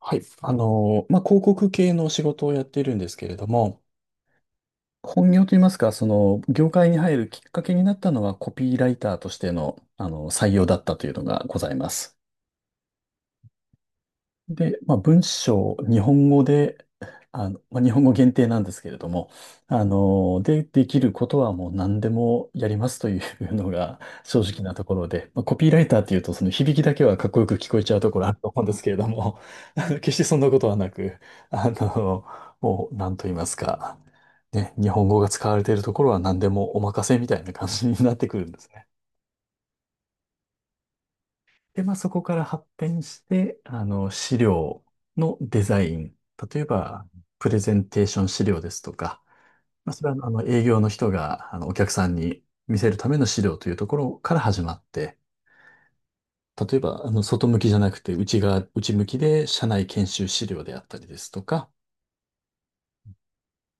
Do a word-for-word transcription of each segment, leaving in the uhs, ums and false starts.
はい。あのまあ、広告系の仕事をやっているんですけれども、本業といいますか、その、業界に入るきっかけになったのは、コピーライターとしての、あの、採用だったというのがございます。で、まあ、文章、日本語で、あの、まあ、日本語限定なんですけれども、あの、で、できることはもう何でもやりますというのが 正直なところで、まあ、コピーライターっていうとその響きだけはかっこよく聞こえちゃうところあると思うんですけれども、あの、決してそんなことはなく、あの、もう何と言いますか、ね、日本語が使われているところは何でもお任せみたいな感じになってくるんですね。で、まあ、そこから発展して、あの、資料のデザイン。例えば、プレゼンテーション資料ですとか、まあ、それは、あの、営業の人が、あの、お客さんに見せるための資料というところから始まって、例えば、あの、外向きじゃなくて、内側、内向きで、社内研修資料であったりですとか、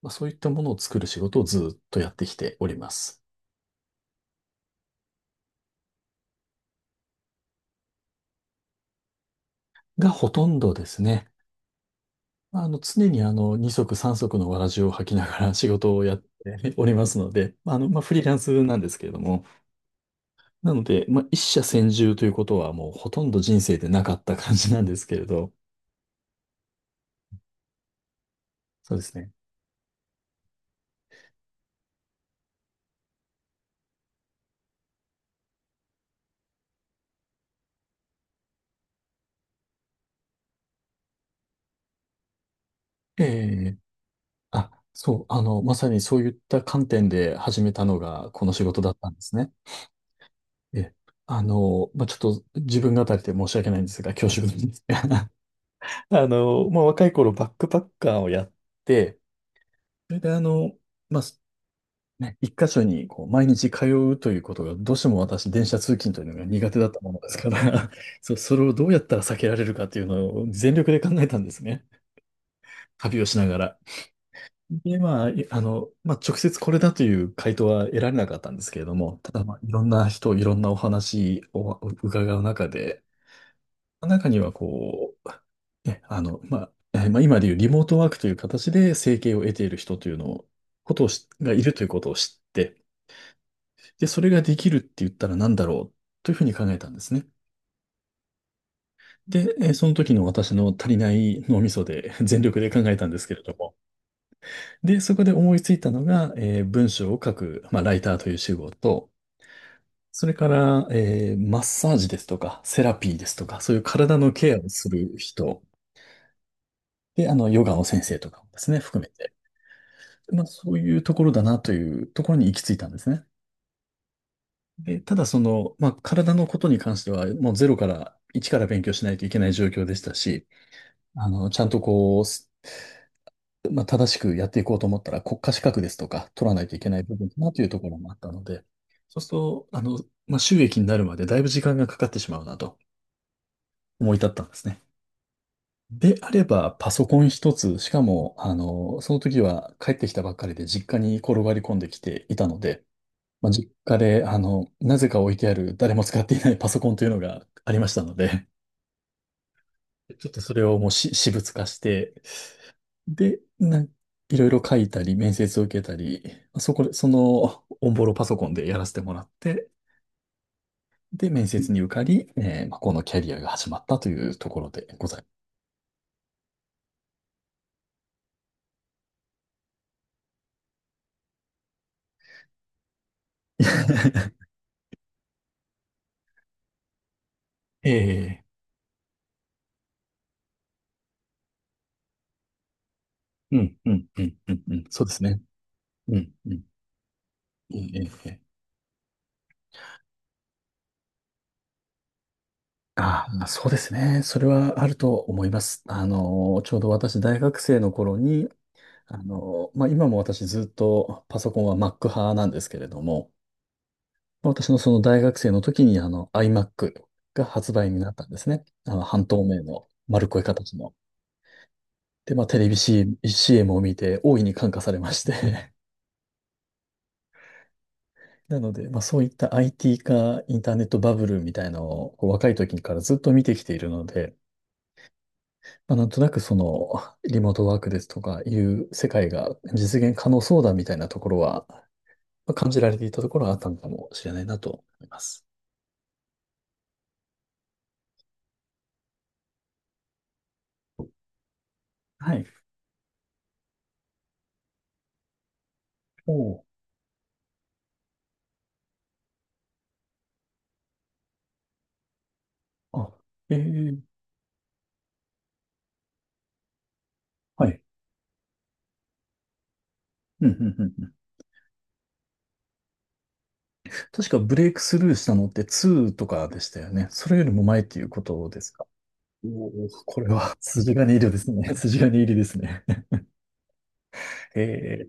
まあ、そういったものを作る仕事をずっとやってきております。が、ほとんどですね。まあ、あの、常にあの、二足三足のわらじを履きながら仕事をやっておりますので、まあ、あの、まあ、フリーランスなんですけれども、なので、まあ、一社専住ということはもうほとんど人生でなかった感じなんですけれど、そうですね。ええ、あ、そう、あの、まさにそういった観点で始めたのがこの仕事だったんですね。ええ、あの、まあ、ちょっと自分語りで申し訳ないんですが、恐縮なんですが、あの、まあ、若い頃バックパッカーをやって、それであの、まあ、ね、一箇所にこう毎日通うということが、どうしても私、電車通勤というのが苦手だったものですから、そう、それをどうやったら避けられるかというのを全力で考えたんですね。旅をしながら。で、まあ、いあの、まあ、直接これだという回答は得られなかったんですけれども、ただ、まあ、いろんな人、いろんなお話を伺う中で、中にはこう、ね、あの、まあ、えーまあ、今でいうリモートワークという形で生計を得ている人というのを、ことをしがいるということを知って、で、それができるって言ったら何だろうというふうに考えたんですね。で、えーその時の私の足りない脳みそで 全力で考えたんですけれども。で、そこで思いついたのが、えー文章を書く、まあ、ライターという仕事、それから、えーマッサージですとか、セラピーですとか、そういう体のケアをする人、で、あの、ヨガの先生とかもですね、含めて、まあ、そういうところだなというところに行き着いたんですね。で、ただその、まあ、体のことに関しては、もうゼロから、一から勉強しないといけない状況でしたし、あの、ちゃんとこう、すまあ、正しくやっていこうと思ったら、国家資格ですとか、取らないといけない部分かなというところもあったので、そうすると、あの、まあ、収益になるまでだいぶ時間がかかってしまうなと思い立ったんですね。であれば、パソコン一つ、しかも、あの、その時は帰ってきたばっかりで実家に転がり込んできていたので、まあ、実家で、あの、なぜか置いてある誰も使っていないパソコンというのがありましたので、ちょっとそれをもうし私物化して、で、なん、いろいろ書いたり、面接を受けたり、そこで、その、オンボロパソコンでやらせてもらって、で、面接に受かり、えーまあ、このキャリアが始まったというところでございます。ええ、うん、うん、うん、うん、うん、そうですね。うん、うん、ええええ、あ、まあ、そうですね。それはあると思います。あの、ちょうど私、大学生の頃に、あの、まあ、今も私ずっとパソコンは Mac 派なんですけれども、私のその大学生の時に、あの、iMac が発売になったんですね。あの、半透明の丸っこい形の。で、まあ、テレビ シーエム, シーエム を見て大いに感化されまして。なので、まあ、そういった アイティー 化、インターネットバブルみたいのをこう若い時からずっと見てきているので、まあ、なんとなくその、リモートワークですとかいう世界が実現可能そうだみたいなところは、まあ感じられていたところはあったのかもしれないなと思います。はい。おー、あ、ええ、はい。うん、うん、うん、うん。確かブレイクスルーしたのってツーとかでしたよね。それよりも前っていうことですか。おお、これは 筋金入りですね。筋金入りですね。えー、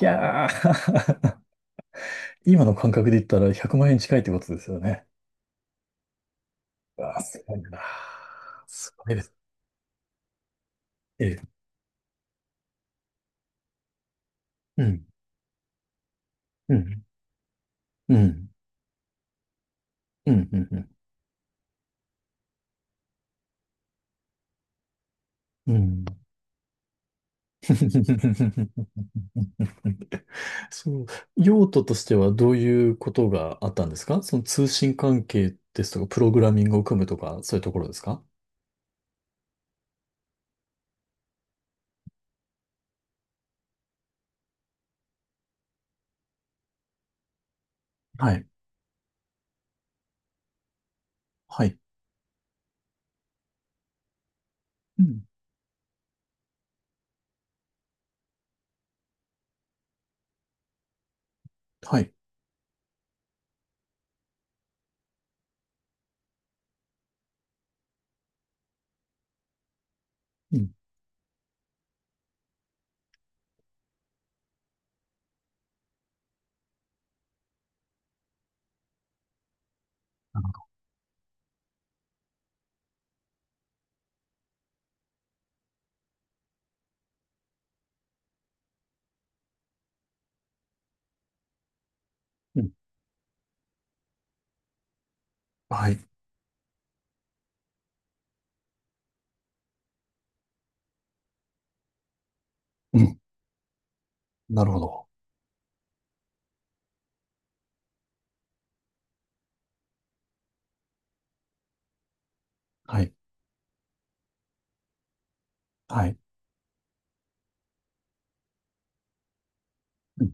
いやー 今の感覚で言ったらひゃくまん円近いってことですよね。うわ、すごいな。すごいですね。ええ、うん、うん、うん、うん、うん、うん。そう、用途としてはどういうことがあったんですか、その通信関係ですとか、プログラミングを組むとか、そういうところですか。はい、はい、うん、はい、うん、うん、はい、うん、なるほど。はい、はい、うん、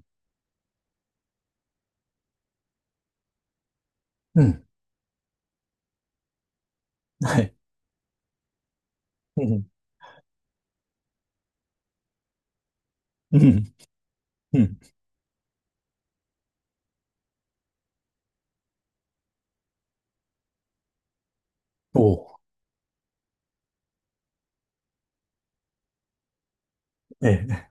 うん、はい、うん、うん、うん、おー、ええ、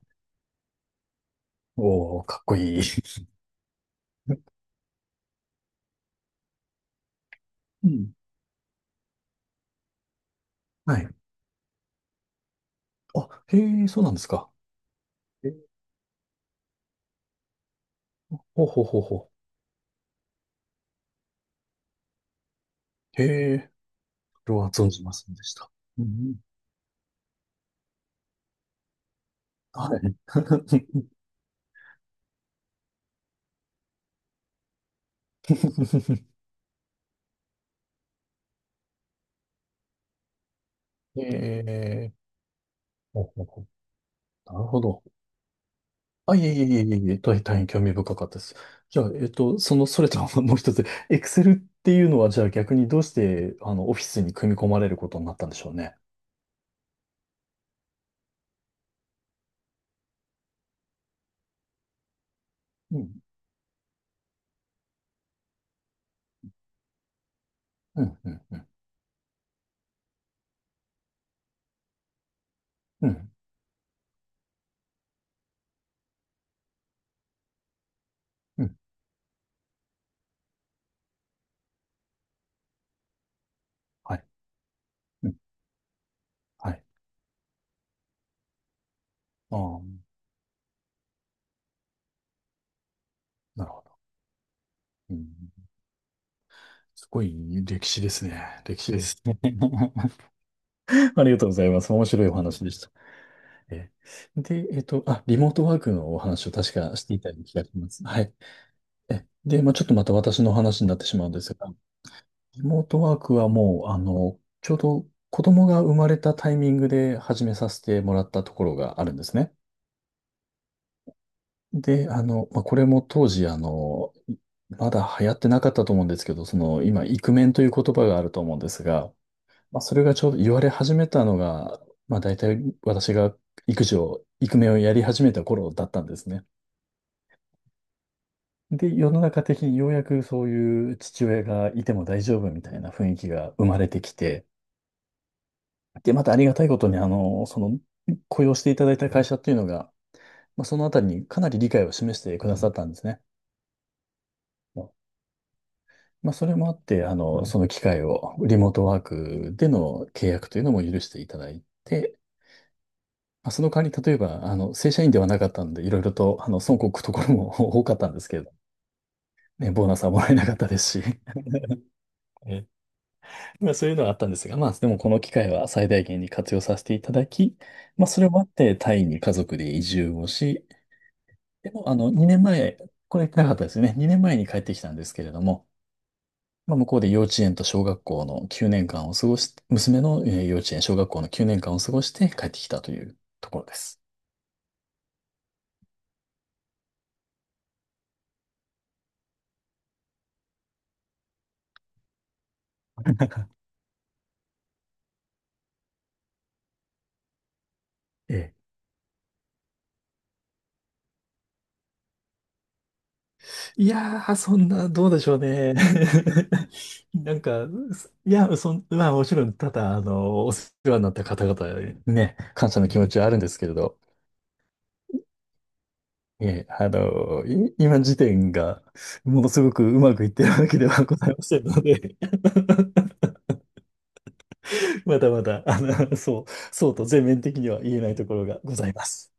おー、かっこいい。うん、はい。あ、へえ、そうなんですか。え、ほうほうほうほう。へえ、これは存じませんでした。うん、はい。ええ、ほうほうほう、なるほど。あ、いえいえいえいえいえ、大大変興味深かったです。じゃあ、えっと、その、それとはもう一つ、Excel っていうのは、じゃあ逆にどうして、あの、オフィスに組み込まれることになったんでしょうね。うん、うん、うん、うん、うん、うん、はい、うん、はい。ああ、なるほど。うん、すごい歴史ですね。歴史ですね。ありがとうございます。面白いお話でした。え、で、えっと、あ、リモートワークのお話を確かしていたような気がします。はい。え、で、まあ、ちょっとまた私の話になってしまうんですが、リモートワークはもう、あの、ちょうど子供が生まれたタイミングで始めさせてもらったところがあるんですね。で、あの、まあ、これも当時、あの、まだ流行ってなかったと思うんですけど、その、今、イクメンという言葉があると思うんですが、まあ、それがちょうど言われ始めたのが、まあ、大体私が育児を、イクメンをやり始めた頃だったんですね。で、世の中的にようやくそういう父親がいても大丈夫みたいな雰囲気が生まれてきて、で、またありがたいことに、あの、その、雇用していただいた会社っていうのが、まあ、そのあたりにかなり理解を示してくださったんですね。まあ、それもあって、あの、その機会を、リモートワークでの契約というのも許していただいて、まあ、その代わり、例えば、あの、正社員ではなかったので、いろいろと、あの、損こくところも 多かったんですけれど、ね、ボーナスはもらえなかったですし、えまあ、そういうのはあったんですが、まあ、でもこの機会は最大限に活用させていただき、まあ、それもあってタイに家族で移住をし、でも、あの、にねんまえ、これ言ってなかったですよね。にねんまえに帰ってきたんですけれども、まあ、向こうで幼稚園と小学校のきゅうねんかんを過ごし、娘のえー幼稚園、小学校のきゅうねんかんを過ごして帰ってきたというところです。ええ。いやー、そんな、どうでしょうね。なんか、すいや、そん、まあ、もちろん、ただ、あの、お世話になった方々にね、感謝の気持ちはあるんですけれど、ええ、あの、い、今時点が、ものすごくうまくいってるわけではございませんので まだまだ、あの、そう、そうと全面的には言えないところがございます。